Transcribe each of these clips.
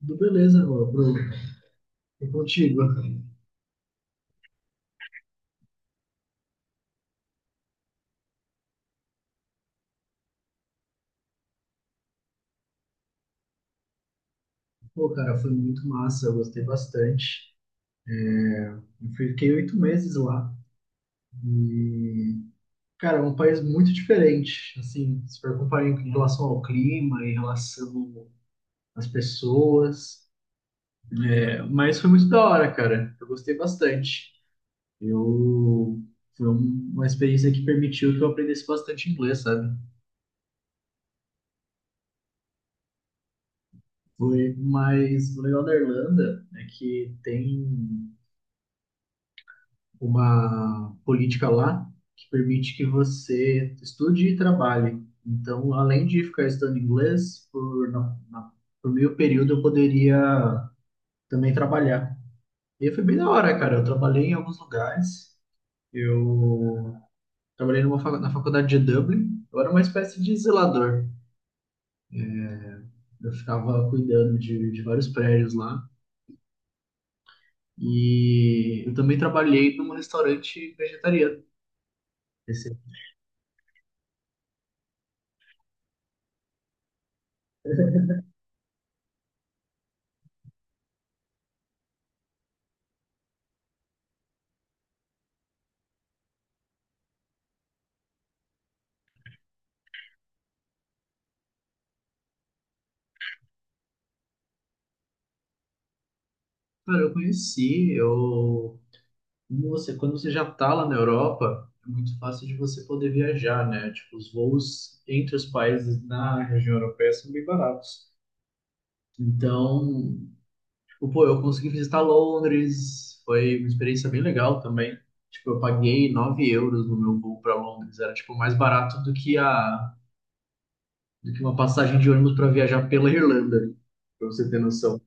Tudo beleza, ô, Bruno. E contigo? Pô, cara, foi muito massa, eu gostei bastante. Eu fiquei 8 meses lá. E, cara, é um país muito diferente, assim, se for comparar em relação ao clima, em relação às pessoas. É, mas foi muito da hora, cara. Eu gostei bastante. Eu... Foi uma experiência que permitiu que eu aprendesse bastante inglês, sabe? Foi, mas o legal da Irlanda é que tem uma política lá que permite que você estude e trabalhe. Então, além de ficar estudando inglês, por meio período eu poderia também trabalhar. E foi bem da hora, cara. Eu trabalhei em alguns lugares. Eu trabalhei na faculdade de Dublin. Eu era uma espécie de zelador. Eu ficava cuidando de vários prédios lá. E eu também trabalhei num restaurante vegetariano. Esse, cara, eu conheci, eu Nossa, quando você já tá lá na Europa, é muito fácil de você poder viajar, né? Tipo, os voos entre os países na região europeia são bem baratos. Então, tipo, pô, eu consegui visitar Londres, foi uma experiência bem legal também. Tipo, eu paguei 9 euros no meu voo para Londres, era tipo mais barato do que uma passagem de ônibus para viajar pela Irlanda, pra você ter noção.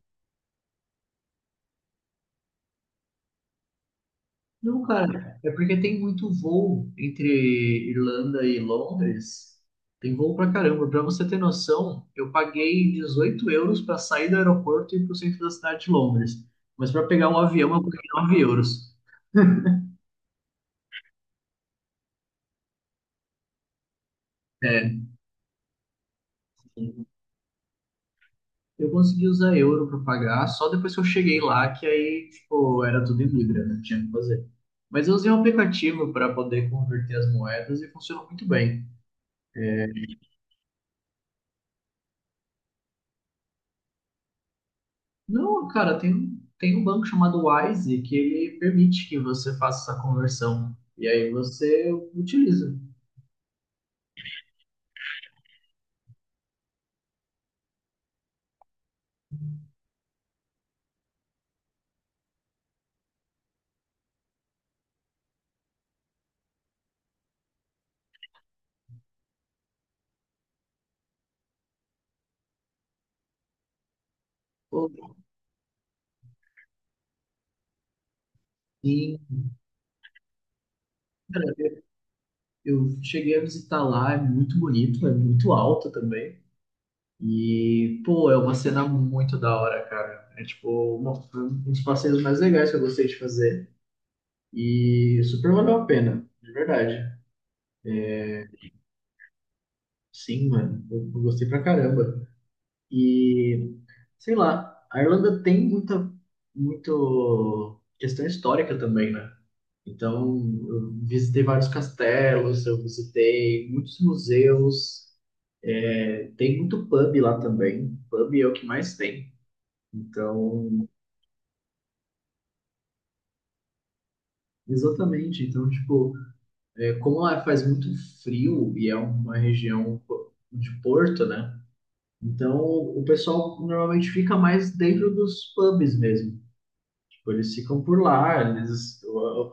Não, cara, é porque tem muito voo entre Irlanda e Londres. Tem voo pra caramba. Pra você ter noção, eu paguei 18 euros pra sair do aeroporto e ir pro centro da cidade de Londres. Mas pra pegar um avião, eu paguei 9 euros. É, eu consegui usar euro pra pagar só depois que eu cheguei lá, que aí, tipo, era tudo em Libra, né? Não tinha o que fazer. Mas eu usei um aplicativo pra poder converter as moedas e funcionou muito bem. Não, cara, tem, tem um banco chamado Wise que ele permite que você faça essa conversão. E aí você utiliza. Pô, sim, cara, eu cheguei a visitar lá, é muito bonito, é muito alto também. E, pô, é uma cena muito da hora, cara. É tipo, uma, foi um dos passeios mais legais que eu gostei de fazer. E super valeu a pena, de verdade. Sim, mano, eu gostei pra caramba. E. Sei lá, a Irlanda tem muito questão histórica também, né? Então, eu visitei vários castelos, eu visitei muitos museus, é, tem muito pub lá também. Pub é o que mais tem. Então, exatamente. Então, tipo, é, como lá faz muito frio e é uma região de porto, né? Então, o pessoal normalmente fica mais dentro dos pubs mesmo. Tipo, eles ficam por lá, eles,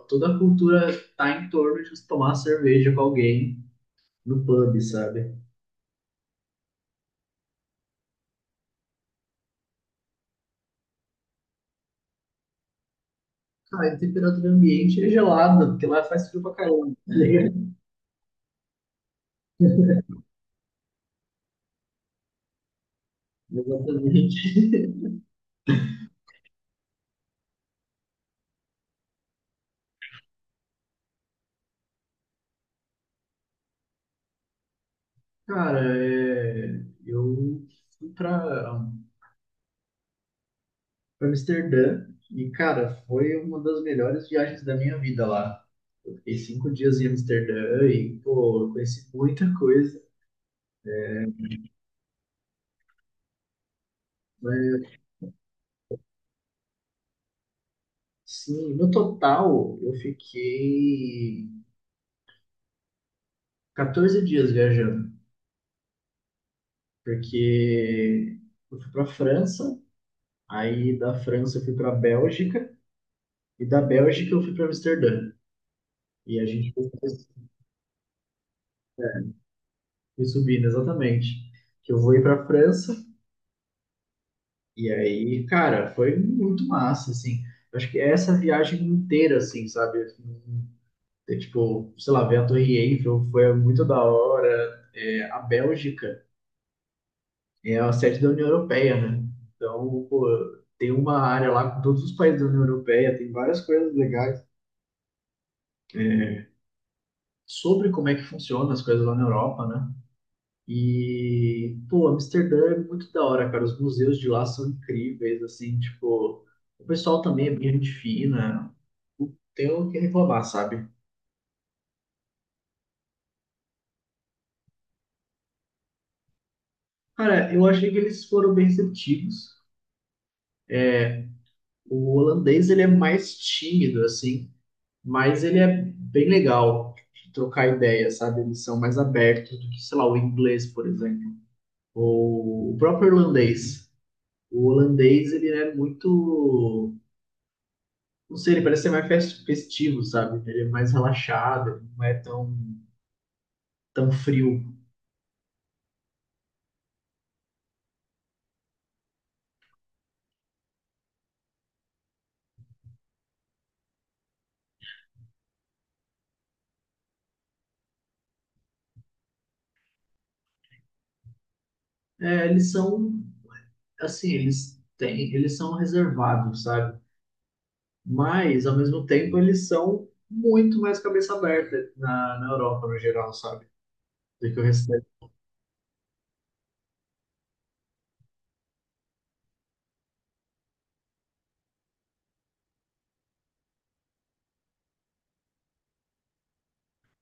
toda a cultura tá em torno de tomar cerveja com alguém no pub, sabe? Ah, e a temperatura ambiente é gelada, porque lá faz frio pra caramba. Tá ligado? Exatamente. Cara, é, eu fui pra Amsterdã e, cara, foi uma das melhores viagens da minha vida lá. Eu fiquei 5 dias em Amsterdã e, pô, eu conheci muita coisa. Mas sim, no total eu fiquei 14 dias viajando, porque eu fui para França, aí da França eu fui para Bélgica e da Bélgica eu fui para Amsterdã. E a gente foi subindo exatamente. Que eu vou ir para França e aí, cara, foi muito massa assim. Eu acho que essa viagem inteira assim, sabe? É, tipo, sei lá, ver a Torre Eiffel foi muito da hora. É, a Bélgica é a sede da União Europeia, né? Então, pô, tem uma área lá com todos os países da União Europeia, tem várias coisas legais é, sobre como é que funcionam as coisas lá na Europa, né? E, pô, Amsterdã é muito da hora, cara. Os museus de lá são incríveis, assim, tipo, o pessoal também é bem gente fina. Não tenho o que reclamar, sabe? Cara, eu achei que eles foram bem receptivos. O holandês, ele é mais tímido, assim. Mas ele é bem legal de trocar ideia, sabe? Eles são mais abertos do que, sei lá, o inglês, por exemplo, ou o próprio irlandês. O holandês, ele é muito, não sei, ele parece ser mais festivo, sabe? Ele é mais relaxado, ele não é tão, tão frio. É, assim, eles são reservados, sabe? Mas, ao mesmo tempo, eles são muito mais cabeça aberta na Europa, no geral, sabe? Do que o restante.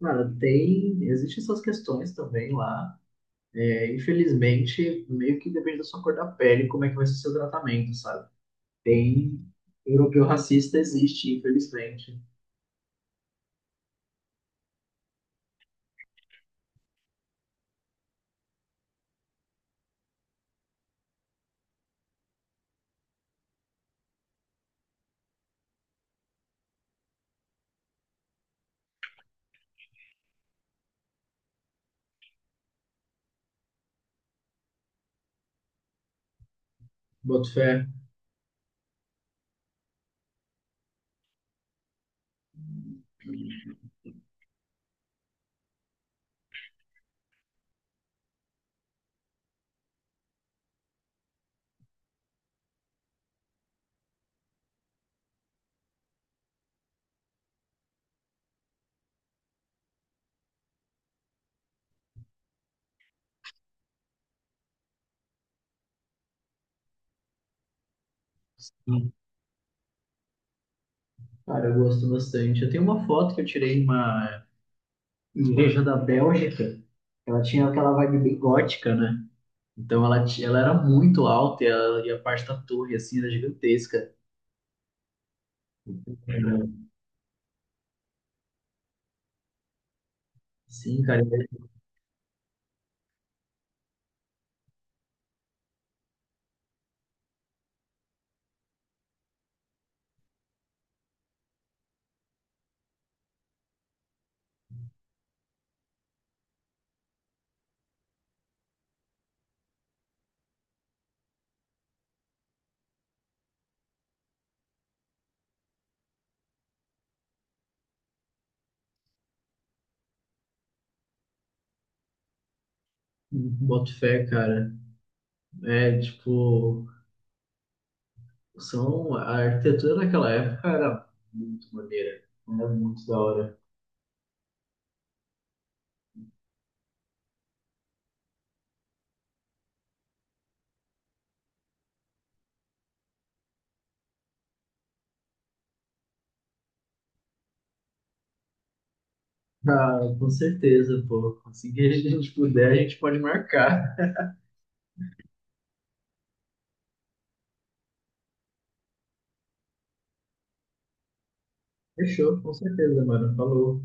Cara, existem essas questões também lá. É, infelizmente, meio que depende da sua cor da pele, como é que vai ser o seu tratamento, sabe? Tem europeu racista, existe, infelizmente. Boto fé. Sim. Cara, eu gosto bastante. Eu tenho uma foto que eu tirei em uma igreja da Bélgica. Ela tinha aquela vibe bem gótica, né? Então ela era muito alta e a parte da torre, assim, era gigantesca. Era- Sim, cara, boto fé, cara. É, tipo. A arquitetura naquela época era muito maneira, era muito da hora. Ah, com certeza, pô. Assim que a gente puder, a gente pode marcar. Fechou, com certeza, mano. Falou.